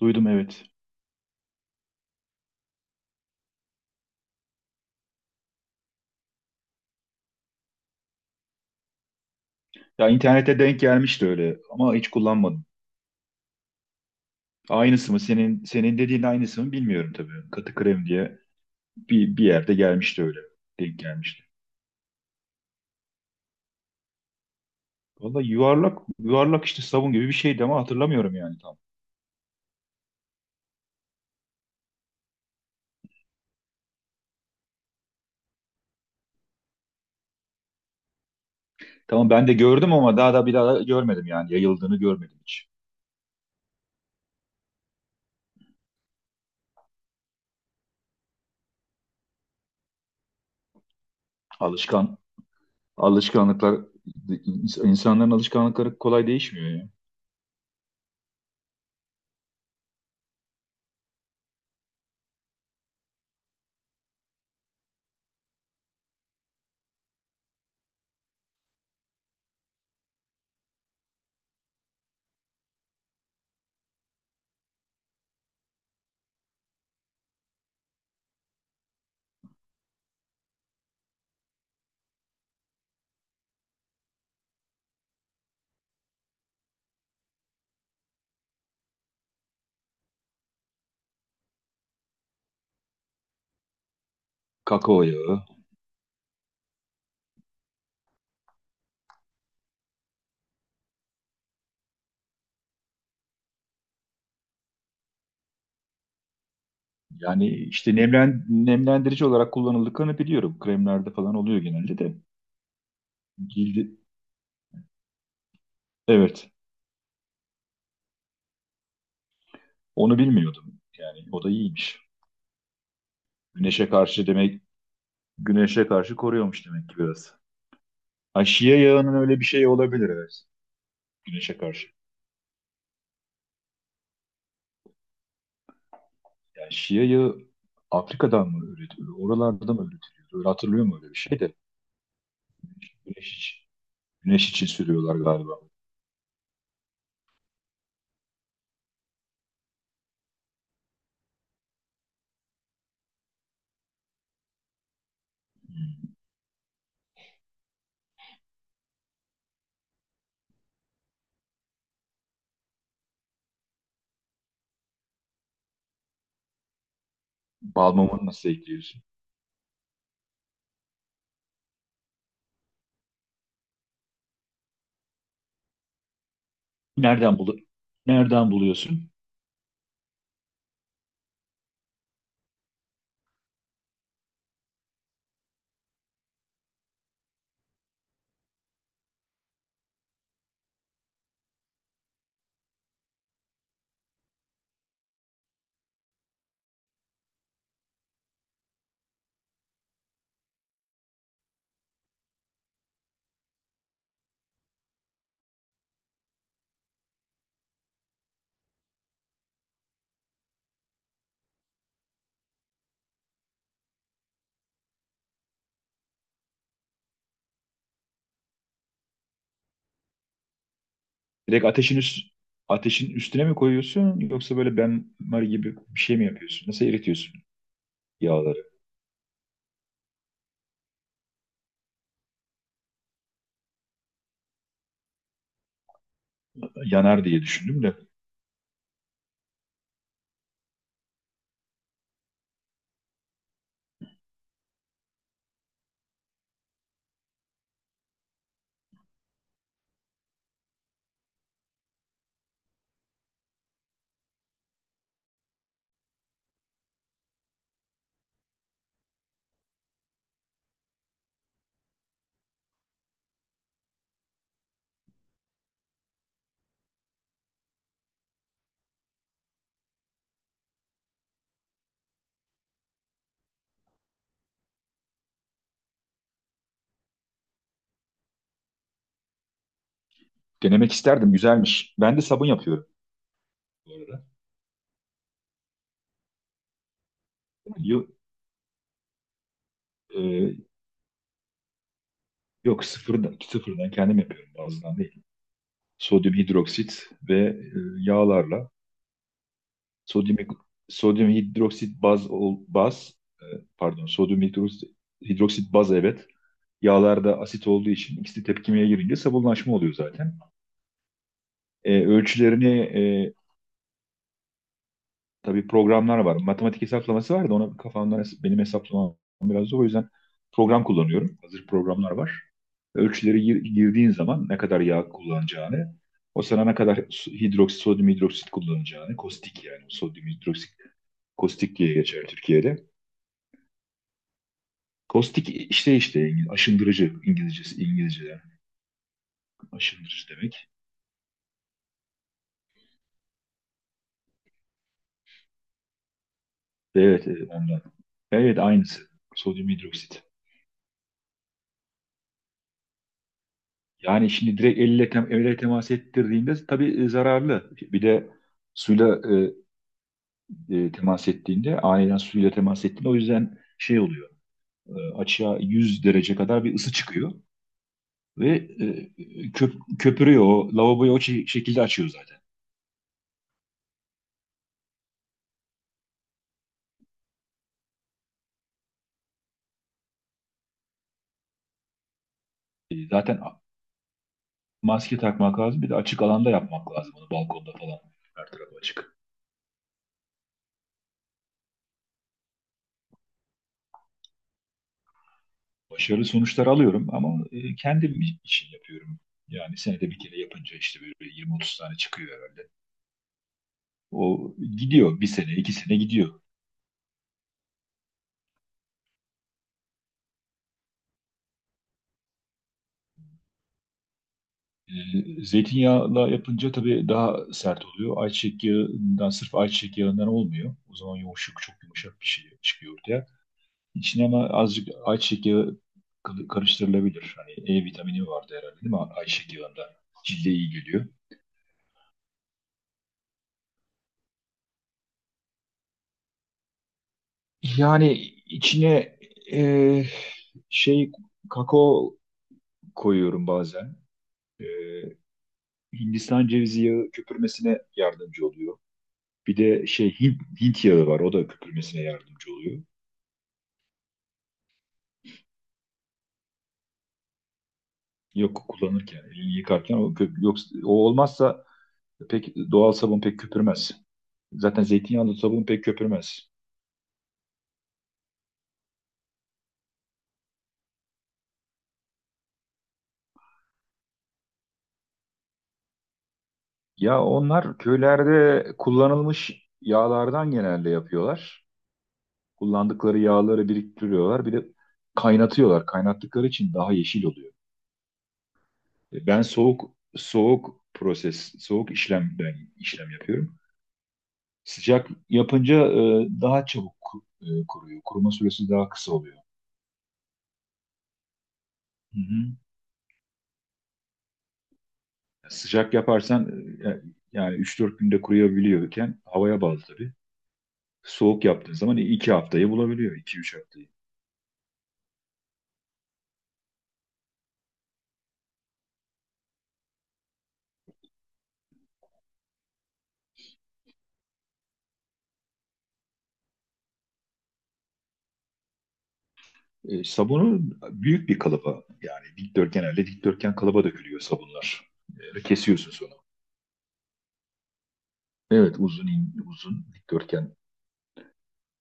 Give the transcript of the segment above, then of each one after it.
Duydum, evet. Ya internette denk gelmişti öyle ama hiç kullanmadım. Aynısı mı senin dediğin aynısı mı bilmiyorum tabii. Katı krem diye bir yerde gelmişti öyle. Denk gelmişti. Vallahi yuvarlak yuvarlak işte sabun gibi bir şeydi ama hatırlamıyorum yani tam. Tamam ben de gördüm ama daha da görmedim, yani yayıldığını görmedim hiç. Alışkan alışkanlıklar insanların alışkanlıkları kolay değişmiyor ya. Kakao yağı. Yani işte nemlendirici olarak kullanıldıklarını biliyorum. Kremlerde falan oluyor genelde de. Cildi, evet, onu bilmiyordum. Yani o da iyiymiş. Güneşe karşı demek, güneşe karşı koruyormuş demek ki biraz. Ha, şia yağının öyle bir şey olabilir, evet. Güneşe karşı. Yani şia yağı Afrika'dan mı üretiliyor? Oralardan mı üretiliyor? Öyle hatırlıyorum, öyle bir şey de. Güneş için, güneş için sürüyorlar galiba. Bal mumunu nasıl ekliyorsun? Nereden bulu nereden buluyorsun? Direkt ateşin üst ateşin üstüne mi koyuyorsun, yoksa böyle benmari gibi bir şey mi yapıyorsun? Nasıl eritiyorsun yağları? Yanar diye düşündüm de. Denemek isterdim. Güzelmiş. Ben de sabun yapıyorum bu arada. Yok, yok, sıfırdan, sıfırdan kendim yapıyorum, bazıdan değil. Sodyum hidroksit ve yağlarla sodyum sodyum hidroksit baz e, pardon, sodyum hidroksit, hidroksit baz, evet. Yağlarda asit olduğu için ikisi tepkimeye girince sabunlaşma oluyor zaten. Ölçülerini tabii programlar var. Matematik hesaplaması var da ona kafamdan benim hesaplamam biraz zor. O yüzden program kullanıyorum. Hazır programlar var. Girdiğin zaman ne kadar yağ kullanacağını, o sana ne kadar hidroksit, sodyum hidroksit kullanacağını, kostik yani sodyum hidroksit, kostik diye geçer Türkiye'de. Kostik işte işte aşındırıcı İngilizcesi, İngilizceden aşındırıcı demek. Evet, evet, ondan. Evet, aynısı. Sodyum hidroksit. Yani şimdi direkt elle, elle temas ettirdiğinde tabii zararlı. Bir de suyla temas ettiğinde, aniden suyla temas ettiğinde, o yüzden şey oluyor. Açığa 100 derece kadar bir ısı çıkıyor. Ve köpürüyor. O lavaboyu şekilde açıyor zaten. Zaten maske takmak lazım. Bir de açık alanda yapmak lazım onu. Balkonda falan. Her tarafı açık. Başarılı sonuçlar alıyorum ama kendim için yapıyorum. Yani senede bir kere yapınca işte böyle 20-30 tane çıkıyor herhalde. O gidiyor. Bir sene, iki sene gidiyor. Zeytinyağla yapınca tabii daha sert oluyor. Ayçiçek yağından, sırf ayçiçek yağından olmuyor. O zaman yumuşak, çok yumuşak bir şey çıkıyor ortaya. İçine ama azıcık ayçiçek yağı karıştırılabilir. Hani E vitamini vardı herhalde, değil mi? Ayçiçek yağında cilde iyi geliyor. Yani içine e, şey kakao koyuyorum bazen. E, Hindistan cevizi yağı köpürmesine yardımcı oluyor. Bir de şey Hint yağı var. O da köpürmesine yardımcı oluyor. Yok, kullanırken, elini yıkarken o, yoksa, o olmazsa pek, doğal sabun pek köpürmez. Zaten zeytinyağlı sabun pek köpürmez. Ya onlar köylerde kullanılmış yağlardan genelde yapıyorlar. Kullandıkları yağları biriktiriyorlar. Bir de kaynatıyorlar. Kaynattıkları için daha yeşil oluyor. Ben soğuk proses, soğuk işlemden işlem yapıyorum. Sıcak yapınca daha çabuk kuruyor. Kuruma süresi daha kısa oluyor. Hı hı. Sıcak yaparsan e, yani 3-4 günde kuruyabiliyorken, havaya bağlı tabii. Soğuk yaptığın zaman 2 haftayı bulabiliyor. İki üç haftayı. Sabunu büyük bir kalıba, yani genelde dikdörtgen kalıba dökülüyor sabunlar. Kesiyorsun sonra. Evet, uzun dikdörtgen.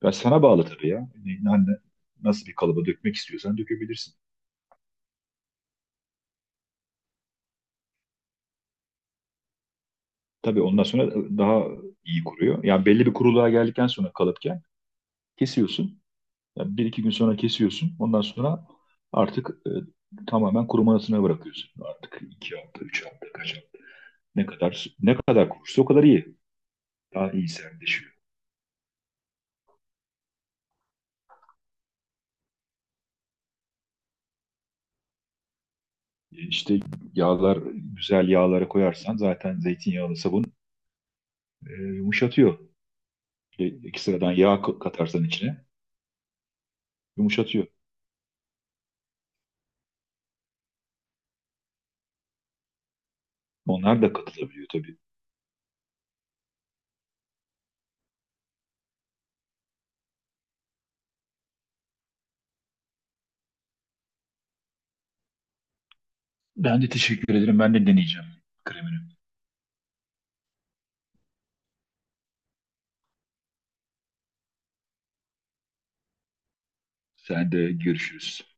Ben, sana bağlı tabii ya. Nasıl bir kalıba dökmek istiyorsan dökebilirsin. Tabii ondan sonra daha iyi kuruyor. Yani belli bir kuruluğa geldikten sonra, kalıpken kesiyorsun. Yani bir iki gün sonra kesiyorsun. Ondan sonra artık tamamen kurumasına bırakıyorsun. Artık iki hafta, üç hafta, kaç hafta. Ne kadar kurursa o kadar iyi. Daha iyi sertleşiyor. İşte yağlar, güzel yağlara koyarsan zaten zeytinyağlı sabun yumuşatıyor. İki sıradan yağ katarsan içine yumuşatıyor. Onlar da katılabiliyor tabii. Ben de teşekkür ederim. Ben de deneyeceğim kremini. Sen de, görüşürüz.